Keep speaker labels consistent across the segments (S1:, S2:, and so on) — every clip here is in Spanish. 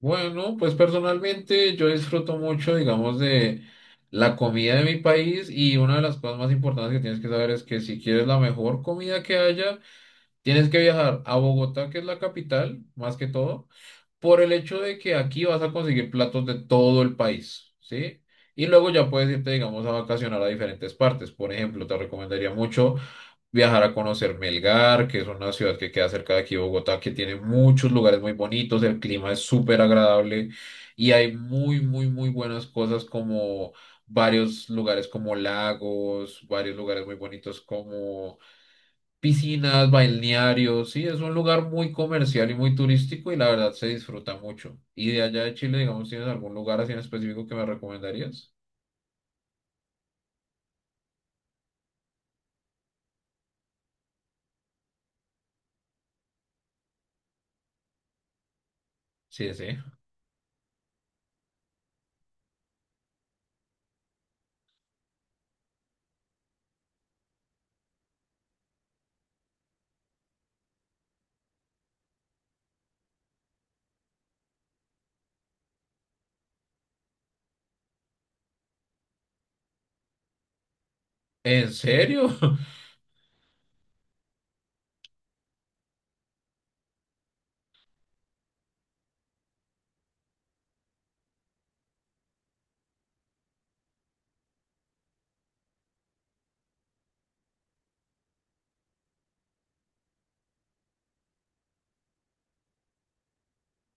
S1: Bueno, pues personalmente yo disfruto mucho, digamos, de la comida de mi país y una de las cosas más importantes que tienes que saber es que si quieres la mejor comida que haya, tienes que viajar a Bogotá, que es la capital, más que todo, por el hecho de que aquí vas a conseguir platos de todo el país, ¿sí? Y luego ya puedes irte, digamos, a vacacionar a diferentes partes. Por ejemplo, te recomendaría mucho viajar a conocer Melgar, que es una ciudad que queda cerca de aquí, de Bogotá, que tiene muchos lugares muy bonitos, el clima es súper agradable y hay muy, muy, muy buenas cosas como varios lugares como lagos, varios lugares muy bonitos como piscinas, balnearios, sí, es un lugar muy comercial y muy turístico y la verdad se disfruta mucho. ¿Y de allá de Chile, digamos, tienes algún lugar así en específico que me recomendarías? Sí, sí. ¿En serio?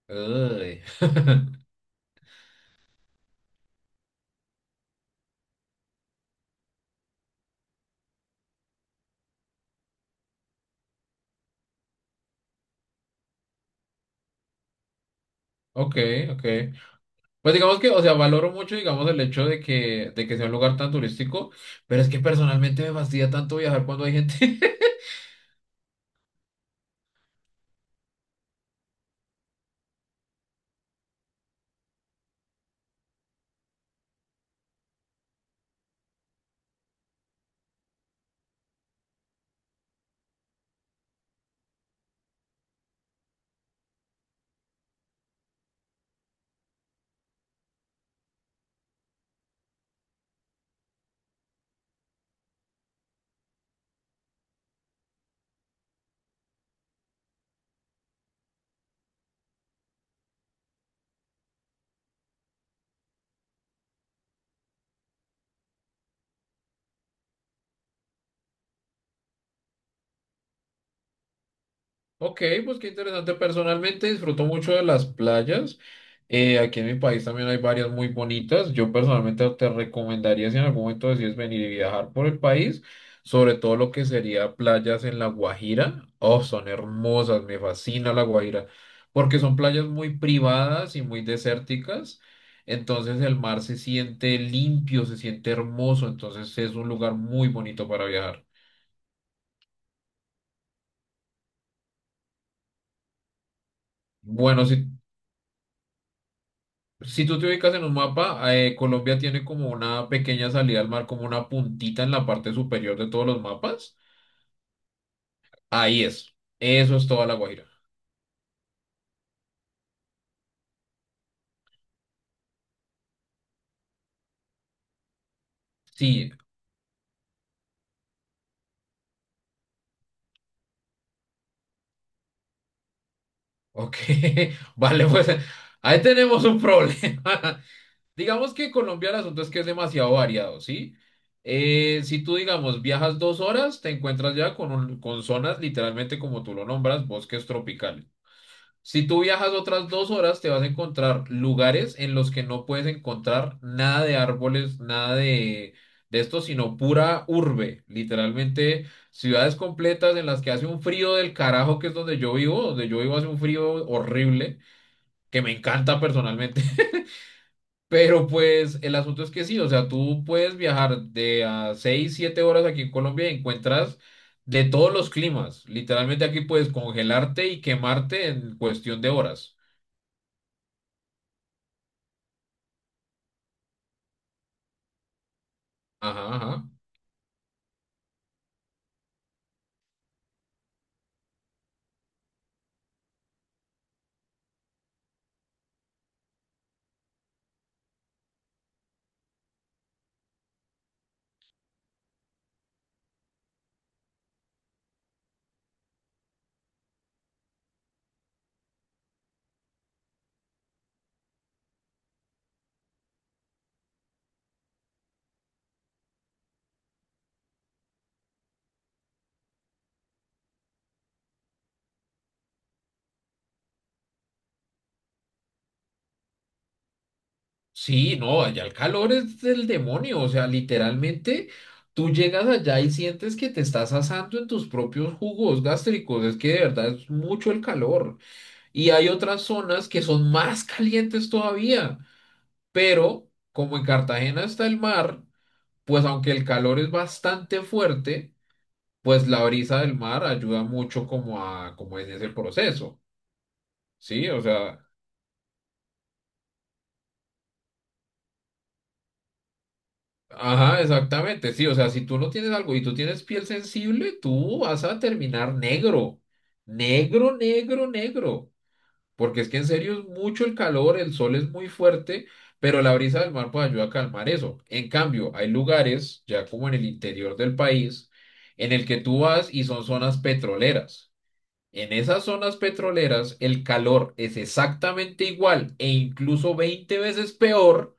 S1: Uy. Ok, ok. Pues digamos que, o sea, valoro mucho, digamos, el hecho de que sea un lugar tan turístico, pero es que personalmente me fastidia tanto viajar cuando hay gente. Ok, pues qué interesante. Personalmente disfruto mucho de las playas. Aquí en mi país también hay varias muy bonitas. Yo personalmente te recomendaría si en algún momento decides venir y viajar por el país, sobre todo lo que sería playas en La Guajira. Oh, son hermosas, me fascina La Guajira, porque son playas muy privadas y muy desérticas. Entonces el mar se siente limpio, se siente hermoso, entonces es un lugar muy bonito para viajar. Bueno, si tú te ubicas en un mapa, Colombia tiene como una pequeña salida al mar, como una puntita en la parte superior de todos los mapas. Ahí es. Eso es toda La Guaira. Sí, ok. Vale, pues ahí tenemos un problema. Digamos que Colombia el asunto es que es demasiado variado, ¿sí? Si tú, digamos, viajas 2 horas, te encuentras ya con, con zonas literalmente como tú lo nombras, bosques tropicales. Si tú viajas otras 2 horas, te vas a encontrar lugares en los que no puedes encontrar nada de árboles, nada de, de esto, sino pura urbe. Literalmente, ciudades completas en las que hace un frío del carajo, que es donde yo vivo. Donde yo vivo hace un frío horrible, que me encanta personalmente. Pero pues el asunto es que sí, o sea, tú puedes viajar de a 6, 7 horas aquí en Colombia y encuentras de todos los climas. Literalmente aquí puedes congelarte y quemarte en cuestión de horas. Ajá, ajá. Sí, no, allá el calor es del demonio, o sea, literalmente tú llegas allá y sientes que te estás asando en tus propios jugos gástricos, es que de verdad es mucho el calor. Y hay otras zonas que son más calientes todavía, pero como en Cartagena está el mar, pues aunque el calor es bastante fuerte, pues la brisa del mar ayuda mucho como a, como en ese proceso, ¿sí? O sea... Ajá, exactamente, sí, o sea, si tú no tienes algo y tú tienes piel sensible, tú vas a terminar negro, negro, negro, negro, porque es que en serio es mucho el calor, el sol es muy fuerte, pero la brisa del mar puede ayudar a calmar eso. En cambio, hay lugares, ya como en el interior del país, en el que tú vas y son zonas petroleras. En esas zonas petroleras, el calor es exactamente igual e incluso 20 veces peor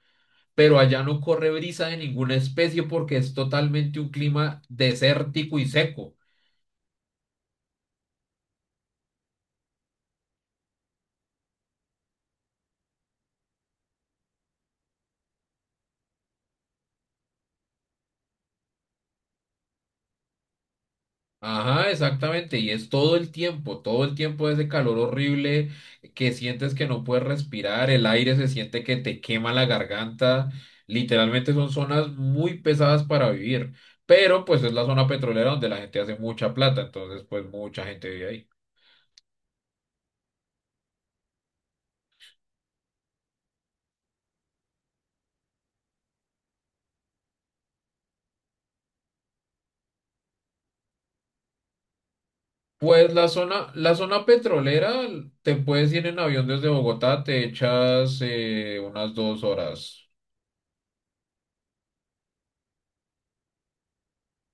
S1: pero allá no corre brisa de ninguna especie porque es totalmente un clima desértico y seco. Ajá, exactamente, y es todo el tiempo ese calor horrible que sientes que no puedes respirar, el aire se siente que te quema la garganta, literalmente son zonas muy pesadas para vivir, pero pues es la zona petrolera donde la gente hace mucha plata, entonces pues mucha gente vive ahí. Pues la zona petrolera, te puedes ir en avión desde Bogotá, te echas unas 2 horas.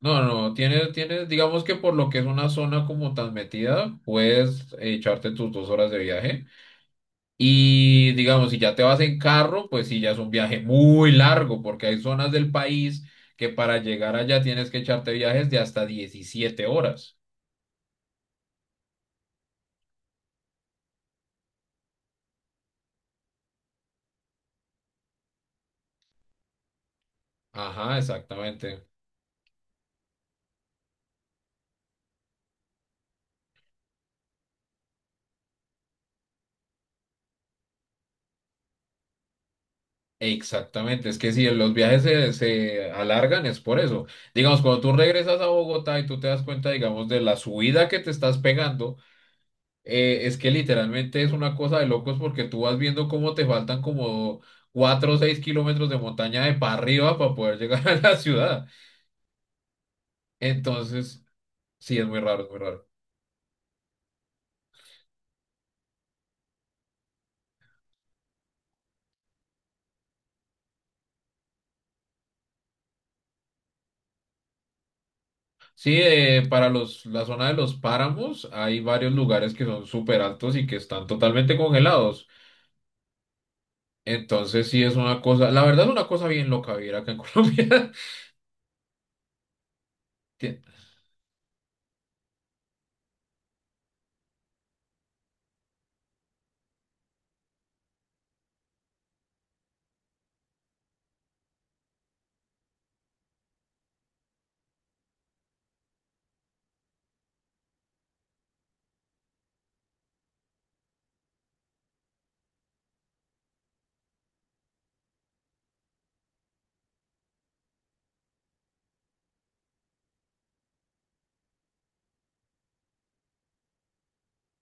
S1: No, no, no, tienes, digamos que por lo que es una zona como tan metida, puedes echarte tus 2 horas de viaje. Y digamos, si ya te vas en carro, pues sí, ya es un viaje muy largo, porque hay zonas del país que para llegar allá tienes que echarte viajes de hasta 17 horas. Ajá, exactamente. Exactamente, es que si los viajes se alargan es por eso. Digamos, cuando tú regresas a Bogotá y tú te das cuenta, digamos, de la subida que te estás pegando, es que literalmente es una cosa de locos porque tú vas viendo cómo te faltan como 4 o 6 kilómetros de montaña de para arriba para poder llegar a la ciudad. Entonces, sí, es muy raro, es muy raro. Sí, para la zona de los páramos hay varios lugares que son súper altos y que están totalmente congelados. Entonces sí es una cosa, la verdad es una cosa bien loca vivir acá en Colombia. Tie-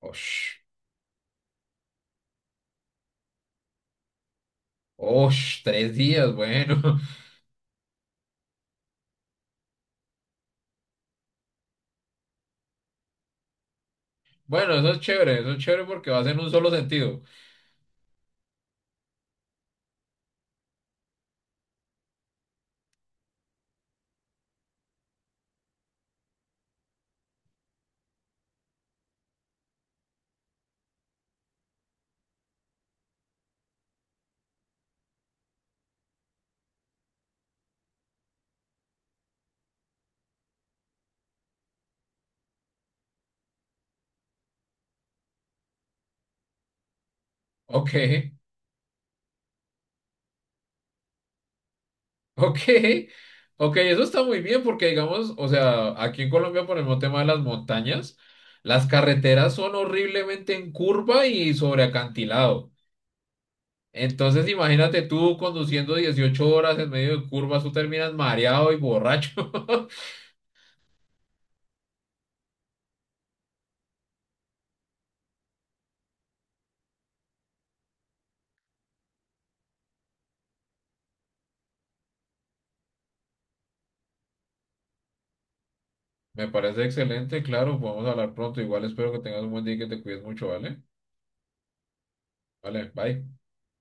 S1: Osh, osh, 3 días, bueno. Bueno, eso es chévere porque va en un solo sentido. Ok, ok, ok, eso está muy bien porque digamos, o sea, aquí en Colombia por el mismo tema de las montañas, las carreteras son horriblemente en curva y sobre acantilado. Entonces imagínate tú conduciendo 18 horas en medio de curvas, tú terminas mareado y borracho. Me parece excelente, claro, podemos hablar pronto. Igual espero que tengas un buen día y que te cuides mucho, ¿vale? Vale, bye.